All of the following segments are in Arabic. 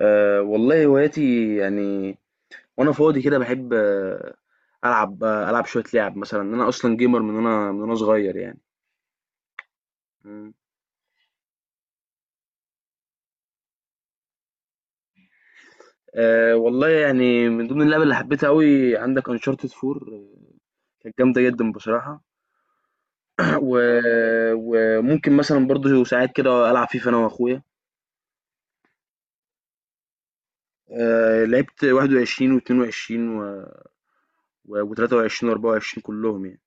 أه والله هواياتي يعني. وانا فاضي كده بحب العب شويه لعب مثلا انا اصلا جيمر من وانا صغير يعني. مم. أه والله يعني من ضمن اللعب اللي حبيتها قوي عندك انشارتد 4، كانت جامده جدا بصراحه. و... وممكن مثلا برضو ساعات كده العب فيفا انا واخويا. أه لعبت 21 و22 و23 و24 كلهم يعني.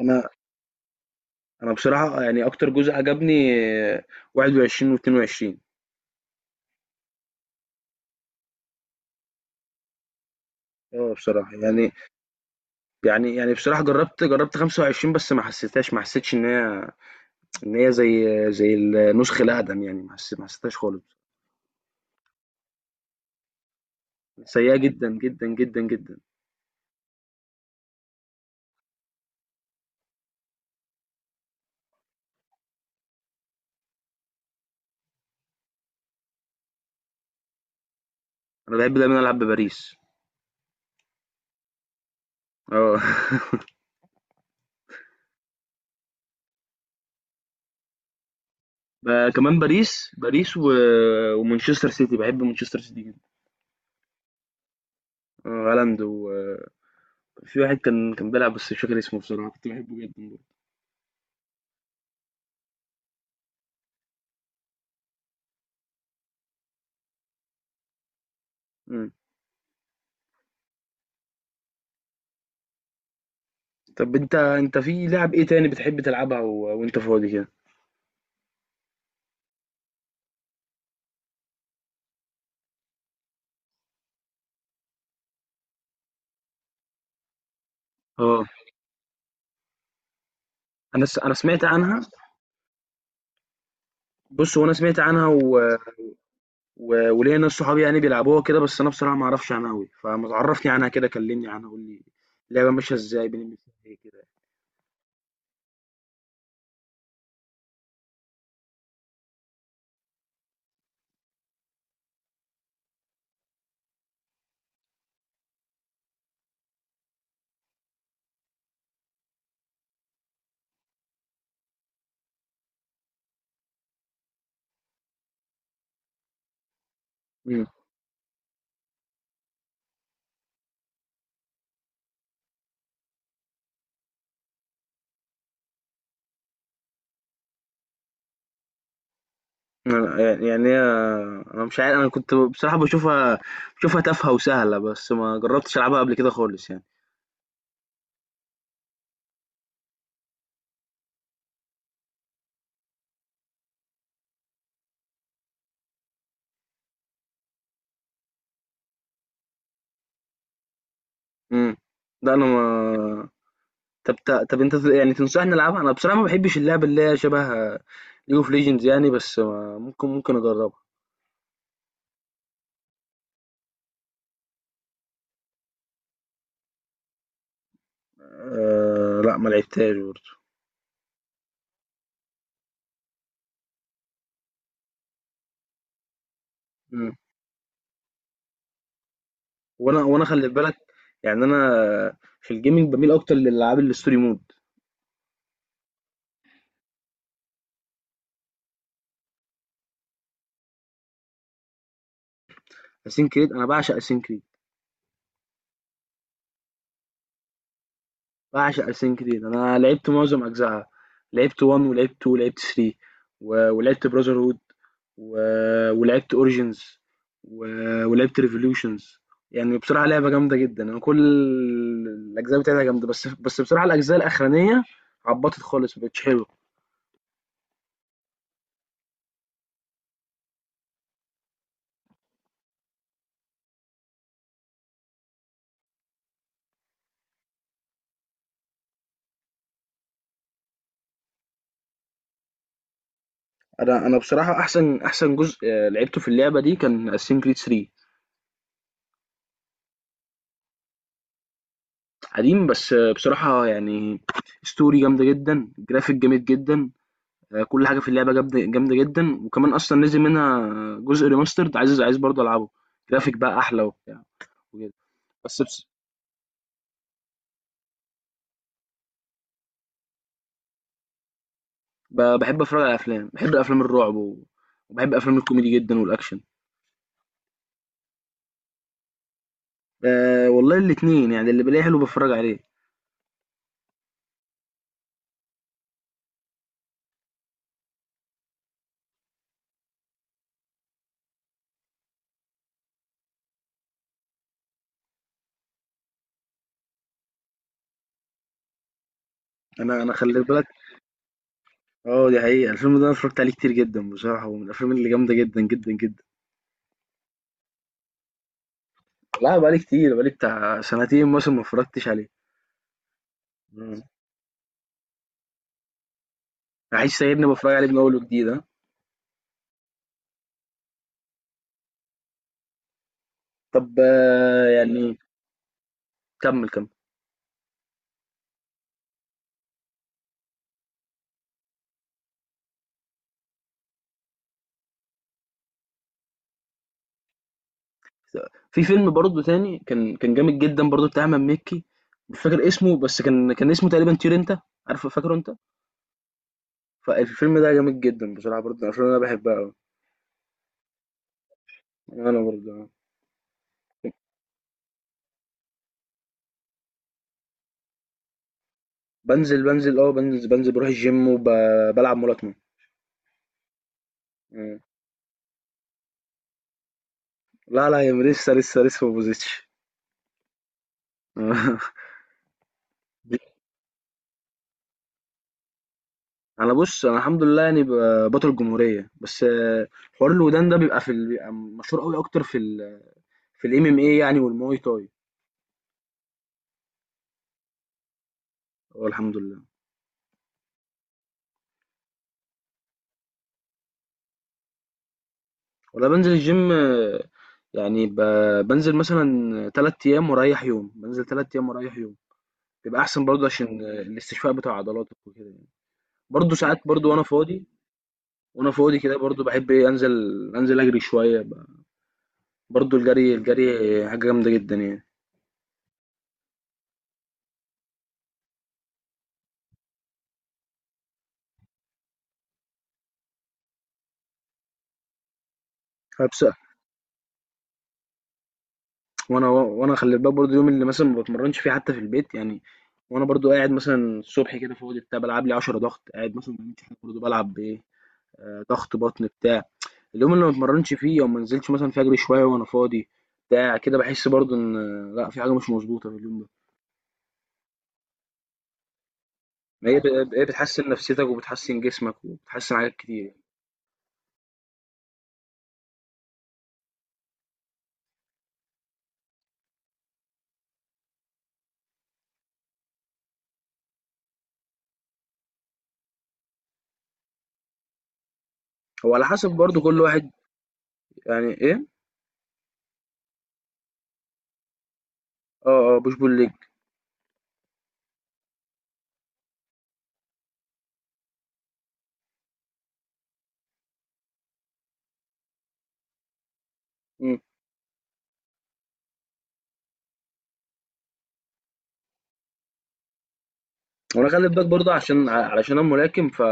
انا انا بصراحه يعني اكتر جزء عجبني آه، 21 و22. آه بصراحة يعني بصراحة جرّبت 25، بس ما حسّيتهاش، ما حسّيتش إن هي زي زي النُسخة الأقدم يعني، ما حسّيتهاش خالص. سيّئة جدًا، جدًا، جدًا، جدًا. أنا باحب دايمًا ألعب بباريس. آه. كمان باريس ومانشستر سيتي، باحب مانشستر سيتي جدًا. آه، هالاند، وفي واحد كان بيلعب بس مش فاكر اسمه بصراحة، كنت باحبه جدًا برضه. إمم. طَب أنت في لعب إيه تاني بتحب تلعبها وأنت فاضي كده؟ آه. أنا سمعت عنها. بُص، هو أنا سمعت عنها و و وليّا ناس صحابي يعني بيلعبوها كده، بس أنا بصراحة ما أعرفش عنها أوي، فما تعرّفني عنها كده، كلّمني عنها، قُل لي اللعبة ماشية إزاي، بنعمل فيها إيه كده يعني؟ إمم. يعني أنا مش عارف، أنا كنت بصراحة باشوفها تافهة وسهلة، بس ما جرّبتش ألعبها قبل كده خالص يعني. إمم. لأ أنا ما. طب أنت يعني تنصحني ألعبها؟ أنا بصراحة ما باحبش اللعب اللي هي شبه League of Legends يعني، بس ممكن أجرّبها. لأ، ما لعبتهاش برضه. إمم. وانا خلي بالك، يعني انا في الجيمنج بميل اكتر للالعاب الستوري مود. اسين كريد، انا بعشق اسين كريد، بعشق اسين كريد، انا لعبت معظم اجزائها. لعبت 1 ولعبت 2 ولعبت 3 ولعبت براذر هود، ولعبت اوريجينز، ولعبت ريفوليوشنز. يعني بصراحه لعبه جامده جدا، انا كل الاجزاء بتاعتها جامده، بس بصراحه الاجزاء الاخرانيه عبطت خالص، مبقتش حلوه. انا بصراحه احسن جزء لعبته في اللعبه دي كان اسين كريد 3. قديم بس بصراحة يعني، ستوري جامدة جدًا، جرافيك جامد جدًا، كل حاجة في اللعبة جامدة جامدة جدًا، وكمان أصلًا نزل منها جزء remastered، عايز برضه ألعبه، جرافيك بقى أحلى وبتاع وكده. بس بص، باحب أتفرج على أفلام، باحب أفلام الرعب وباحب أفلام الكوميدي جدًا والأكشن. والله الاتنين يعني، اللي بالاقيه حلو باتفرج عليه. أنا خلّي بالك، آه دي حقيقة، الفيلم ده أنا اتفرجت عليه كتير جدًا بصراحة، ومن الأفلام اللي جامدة جدًا، جدًا، جدًا. لأ بقى لي كتير، بقى لي بتاع سنتين مثلًا ما اتفرجتش عليه. إمم. عايش سايبني باتفرج عليه من اول وجديد، ها؟ طب يعني كمل كمل. في فيلم برضه تاني كان جامد جدا برضه بتاع احمد مكي، مش فاكر اسمه بس كان اسمه تقريبا طير انت، عارفه فاكره انت. فالفيلم ده جامد جدا بصراحه برضه، عشان انا بحبها قوي. انا برضه. بنزل بنزل اه بنزل بنزل بروح الجيم وبلعب ملاكمه. مم. لا، لا، يا لسه ما بوظتش. انا الحمد لله يعني، بطل جمهوريه بس. حوار الودان ده بيبقى بيبقى مشهور قوي اكتر في الام ام اي يعني، والمواي تاي. اه، الحمد لله. ولا، بنزل الجيم، يعني بنزل مثلا تلات ايام واريح يوم، بنزل تلات ايام واريح يوم، بيبقى احسن برضه عشان الاستشفاء بتاع عضلاتك وكده يعني. برضه ساعات برضه وانا فاضي، وانا فاضي كده برضه بحب ايه، انزل، انزل اجري شويه برضه. الجري الجري حاجه جامده جدا يعني. فبس. وانا خلي بالك برضه، يوم اللي مثلا ما بتمرنش فيه حتى في البيت يعني، وانا برضو قاعد مثلا الصبح كده فاضي بتاع، بلعب لي 10 ضغط، قاعد مثلا ما بعملش حاجه برضو بلعب ضغط بطن بتاع. اليوم اللي ما اتمرنش فيه أو ما نزلتش مثلًا فيه، أجري شوية وأنا فاضي بتاع كده، باحس برضه إن، لأ، في حاجة مش مضبوطة في اليوم ده. ما هي هي بتحسن نفسيتك وبتحسن جسمك وبتحسن حاجات كتير يعني. هو على حسب برضه كل واحد. يعني إيه؟ آه، آه، push pull leg. إمم. وأنا خلّي بالك برضه عشان علشان أنا ملاكم، ف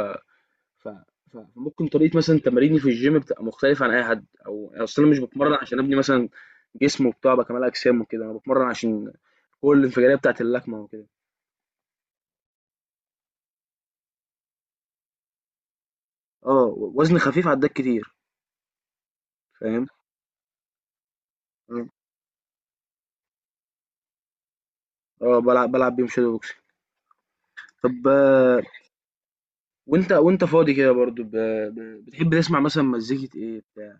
ف ف ممكن طريقة مثلًا تماريني في الgym بتبقى مختلفة عن أي حد، أو أصل أنا مش باتمرن عشان أبني مثلًا جسم وبتاع وأبقى كمال أجسام وكده، أنا باتمرن عشان القوة الانفجارية بتاعة اللكمة وكده. آه، وزن خفيف عدّاك كتير، فاهم. إمم. آه، بالعب بيهم shadow boxing. طب وأنت فاضي كده برضه، ب ب بتحب تسمع مثلًا مزيكة إيه بتاع؟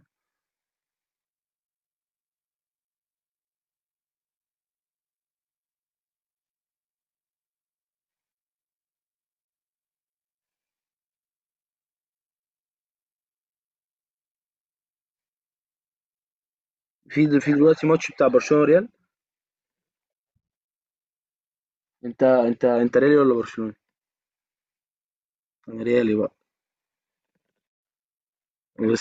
في دلوقتي ماتش بتاع برشلونة ريال. أنت ريالي والّا برشلوني؟ أنا ريالي بقى. بس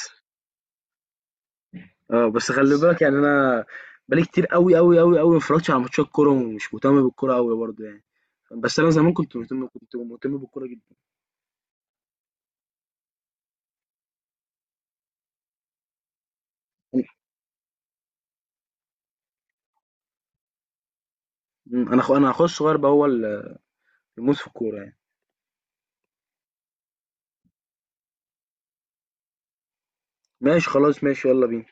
بس خلّي بالك يعني، أنا بقى لي كتير أوي، أوي، أوي، أوي ما اتفرّجتش على ماتشات كورة، ومش مهتم بالكورة أوي برضه يعني، بس أنا زمان كنت مهتم بالكورة جدًا. إمم. أنا أخويا الصغير بقى هو الموس في الكورة يعني. ماشي خلاص ماشي يالّا بينا.